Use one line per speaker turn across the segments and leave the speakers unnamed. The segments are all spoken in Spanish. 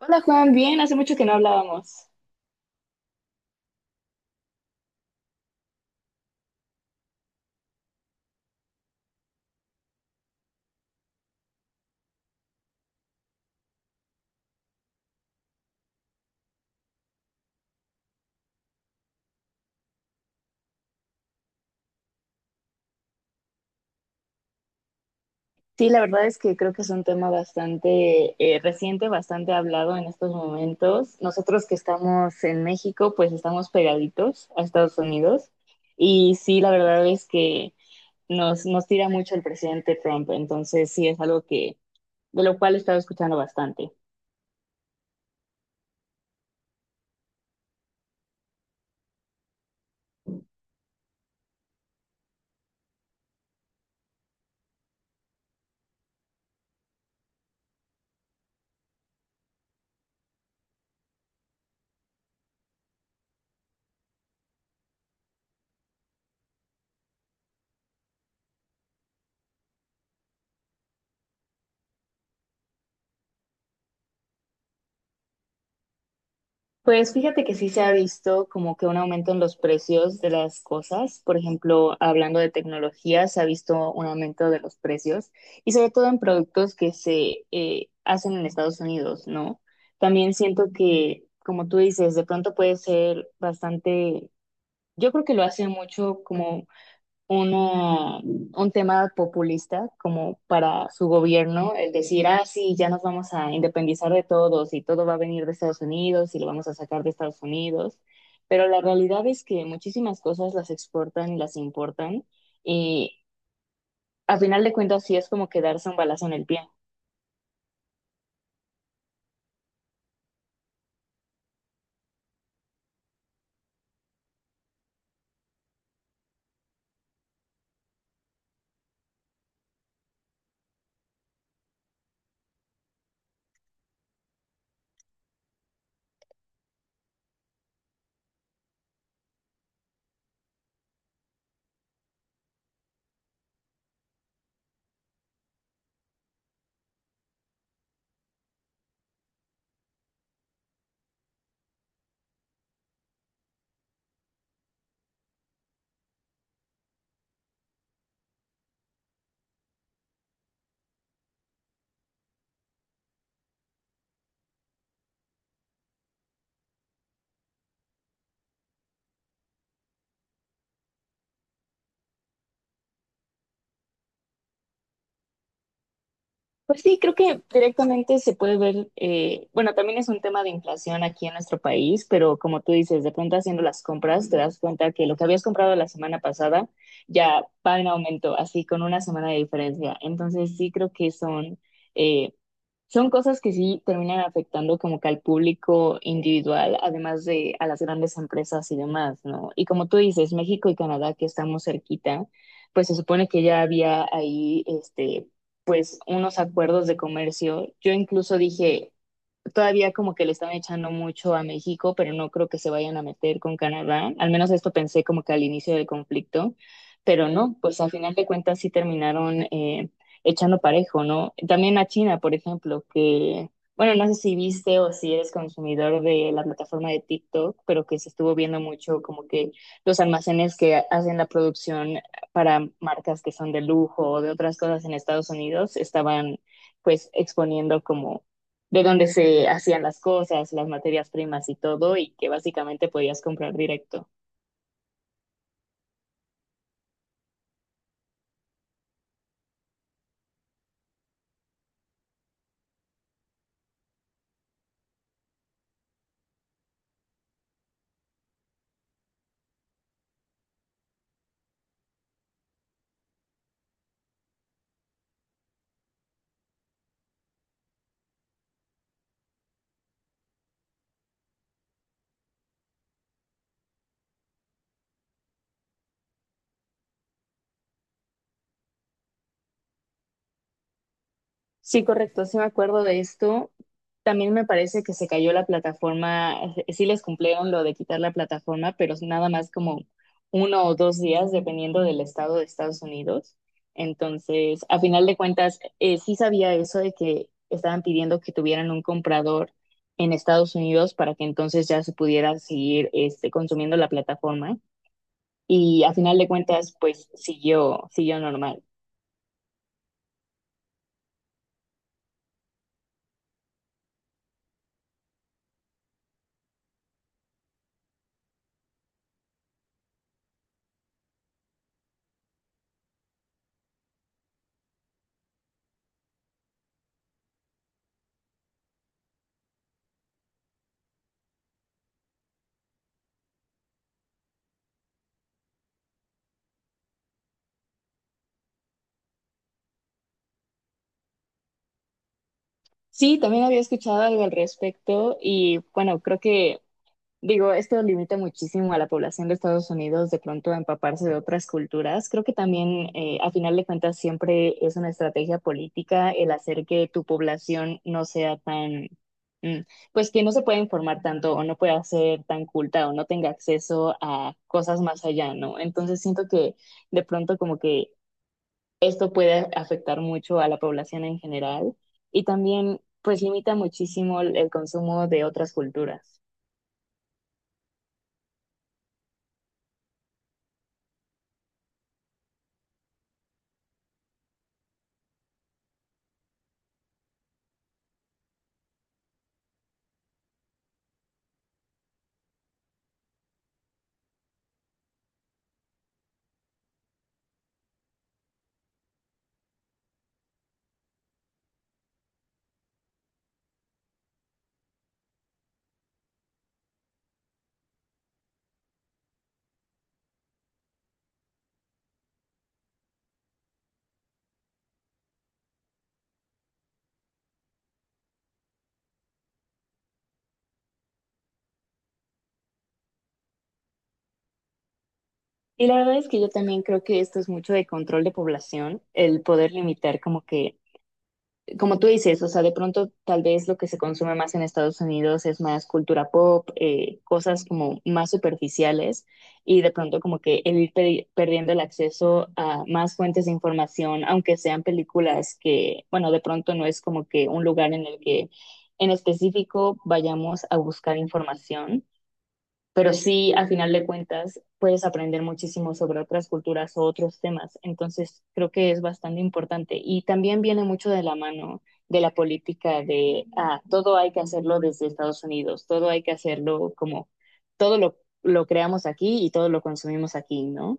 Hola Juan, bien, hace mucho que no hablábamos. Sí, la verdad es que creo que es un tema bastante reciente, bastante hablado en estos momentos. Nosotros que estamos en México, pues estamos pegaditos a Estados Unidos. Y sí, la verdad es que nos tira mucho el presidente Trump. Entonces sí, es algo que, de lo cual he estado escuchando bastante. Pues fíjate que sí se ha visto como que un aumento en los precios de las cosas. Por ejemplo, hablando de tecnología, se ha visto un aumento de los precios y sobre todo en productos que se hacen en Estados Unidos, ¿no? También siento que, como tú dices, de pronto puede ser bastante, yo creo que lo hace mucho como un tema populista como para su gobierno, el decir, ah, sí, ya nos vamos a independizar de todos y todo va a venir de Estados Unidos y lo vamos a sacar de Estados Unidos. Pero la realidad es que muchísimas cosas las exportan y las importan y a final de cuentas sí es como quedarse un balazo en el pie. Pues sí, creo que directamente se puede ver, bueno, también es un tema de inflación aquí en nuestro país, pero como tú dices, de pronto haciendo las compras te das cuenta que lo que habías comprado la semana pasada ya va en aumento, así con una semana de diferencia. Entonces sí creo que son, eh, son cosas que sí terminan afectando como que al público individual, además de a las grandes empresas y demás, ¿no? Y como tú dices, México y Canadá, que estamos cerquita, pues se supone que ya había ahí, este, pues unos acuerdos de comercio. Yo incluso dije, todavía como que le están echando mucho a México, pero no creo que se vayan a meter con Canadá. Al menos esto pensé como que al inicio del conflicto, pero no, pues al final de cuentas sí terminaron echando parejo, ¿no? También a China, por ejemplo, que, bueno, no sé si viste o si eres consumidor de la plataforma de TikTok, pero que se estuvo viendo mucho como que los almacenes que hacen la producción para marcas que son de lujo o de otras cosas en Estados Unidos estaban pues exponiendo como de donde se hacían las cosas, las materias primas y todo, y que básicamente podías comprar directo. Sí, correcto, sí me acuerdo de esto. También me parece que se cayó la plataforma, sí les cumplieron lo de quitar la plataforma, pero es nada más como uno o dos días, dependiendo del estado de Estados Unidos. Entonces, a final de cuentas, sí sabía eso de que estaban pidiendo que tuvieran un comprador en Estados Unidos para que entonces ya se pudiera seguir este, consumiendo la plataforma y a final de cuentas, pues siguió normal. Sí, también había escuchado algo al respecto y bueno, creo que, digo, esto limita muchísimo a la población de Estados Unidos de pronto a empaparse de otras culturas. Creo que también, a final de cuentas, siempre es una estrategia política el hacer que tu población no sea tan, mm, pues que no se pueda informar tanto o no pueda ser tan culta o no tenga acceso a cosas más allá, ¿no? Entonces siento que de pronto como que esto puede afectar mucho a la población en general y también pues limita muchísimo el consumo de otras culturas. Y la verdad es que yo también creo que esto es mucho de control de población, el poder limitar como que como tú dices, o sea, de pronto tal vez lo que se consume más en Estados Unidos es más cultura pop, cosas como más superficiales y de pronto como que el ir perdiendo el acceso a más fuentes de información, aunque sean películas que, bueno, de pronto no es como que un lugar en el que en específico vayamos a buscar información pero sí, al final de cuentas, puedes aprender muchísimo sobre otras culturas o otros temas. Entonces, creo que es bastante importante. Y también viene mucho de la mano de la política de, ah, todo hay que hacerlo desde Estados Unidos, todo hay que hacerlo como, todo lo creamos aquí y todo lo consumimos aquí, ¿no?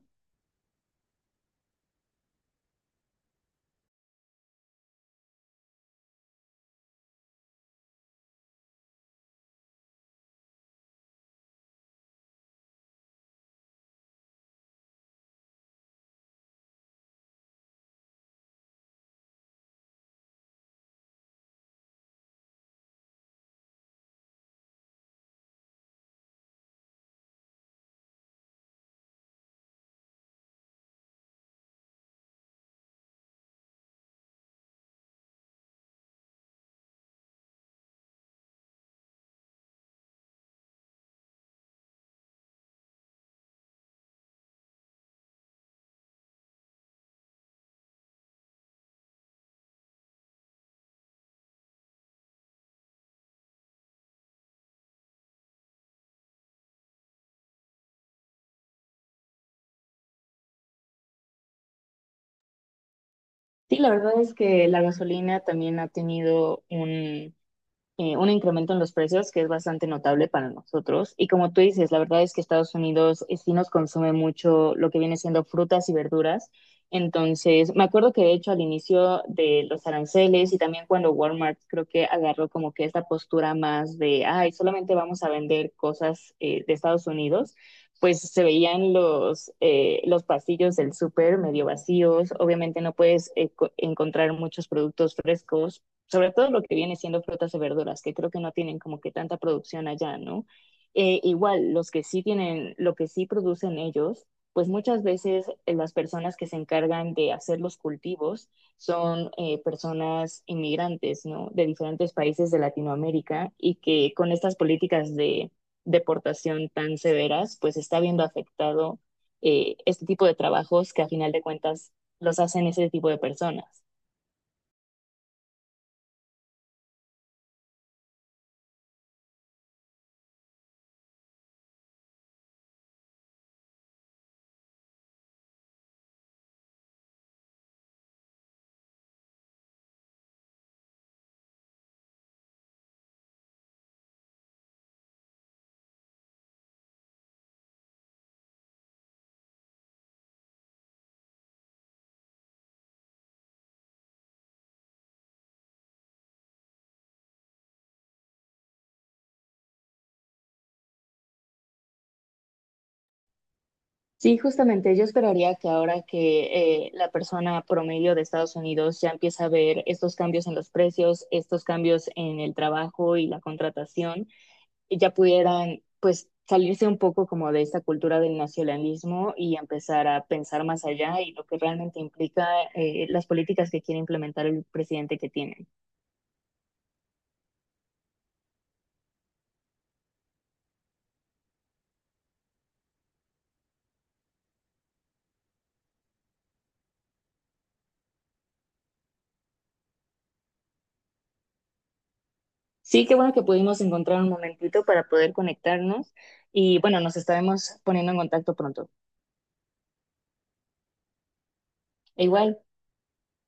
Sí, la verdad es que la gasolina también ha tenido un incremento en los precios que es bastante notable para nosotros. Y como tú dices, la verdad es que Estados Unidos sí nos consume mucho lo que viene siendo frutas y verduras. Entonces, me acuerdo que de hecho al inicio de los aranceles y también cuando Walmart creo que agarró como que esta postura más de, ay, solamente vamos a vender cosas de Estados Unidos, pues se veían los pasillos del súper medio vacíos. Obviamente no puedes encontrar muchos productos frescos sobre todo lo que viene siendo frutas y verduras, que creo que no tienen como que tanta producción allá, ¿no? Igual, los que sí tienen, lo que sí producen ellos, pues muchas veces las personas que se encargan de hacer los cultivos son personas inmigrantes, ¿no? De diferentes países de Latinoamérica y que con estas políticas de deportación tan severas, pues está viendo afectado este tipo de trabajos que a final de cuentas los hacen ese tipo de personas. Sí, justamente yo esperaría que ahora que la persona promedio de Estados Unidos ya empieza a ver estos cambios en los precios, estos cambios en el trabajo y la contratación, y ya pudieran pues salirse un poco como de esta cultura del nacionalismo y empezar a pensar más allá y lo que realmente implica las políticas que quiere implementar el presidente que tienen. Sí, qué bueno que pudimos encontrar un momentito para poder conectarnos y bueno, nos estaremos poniendo en contacto pronto. E igual.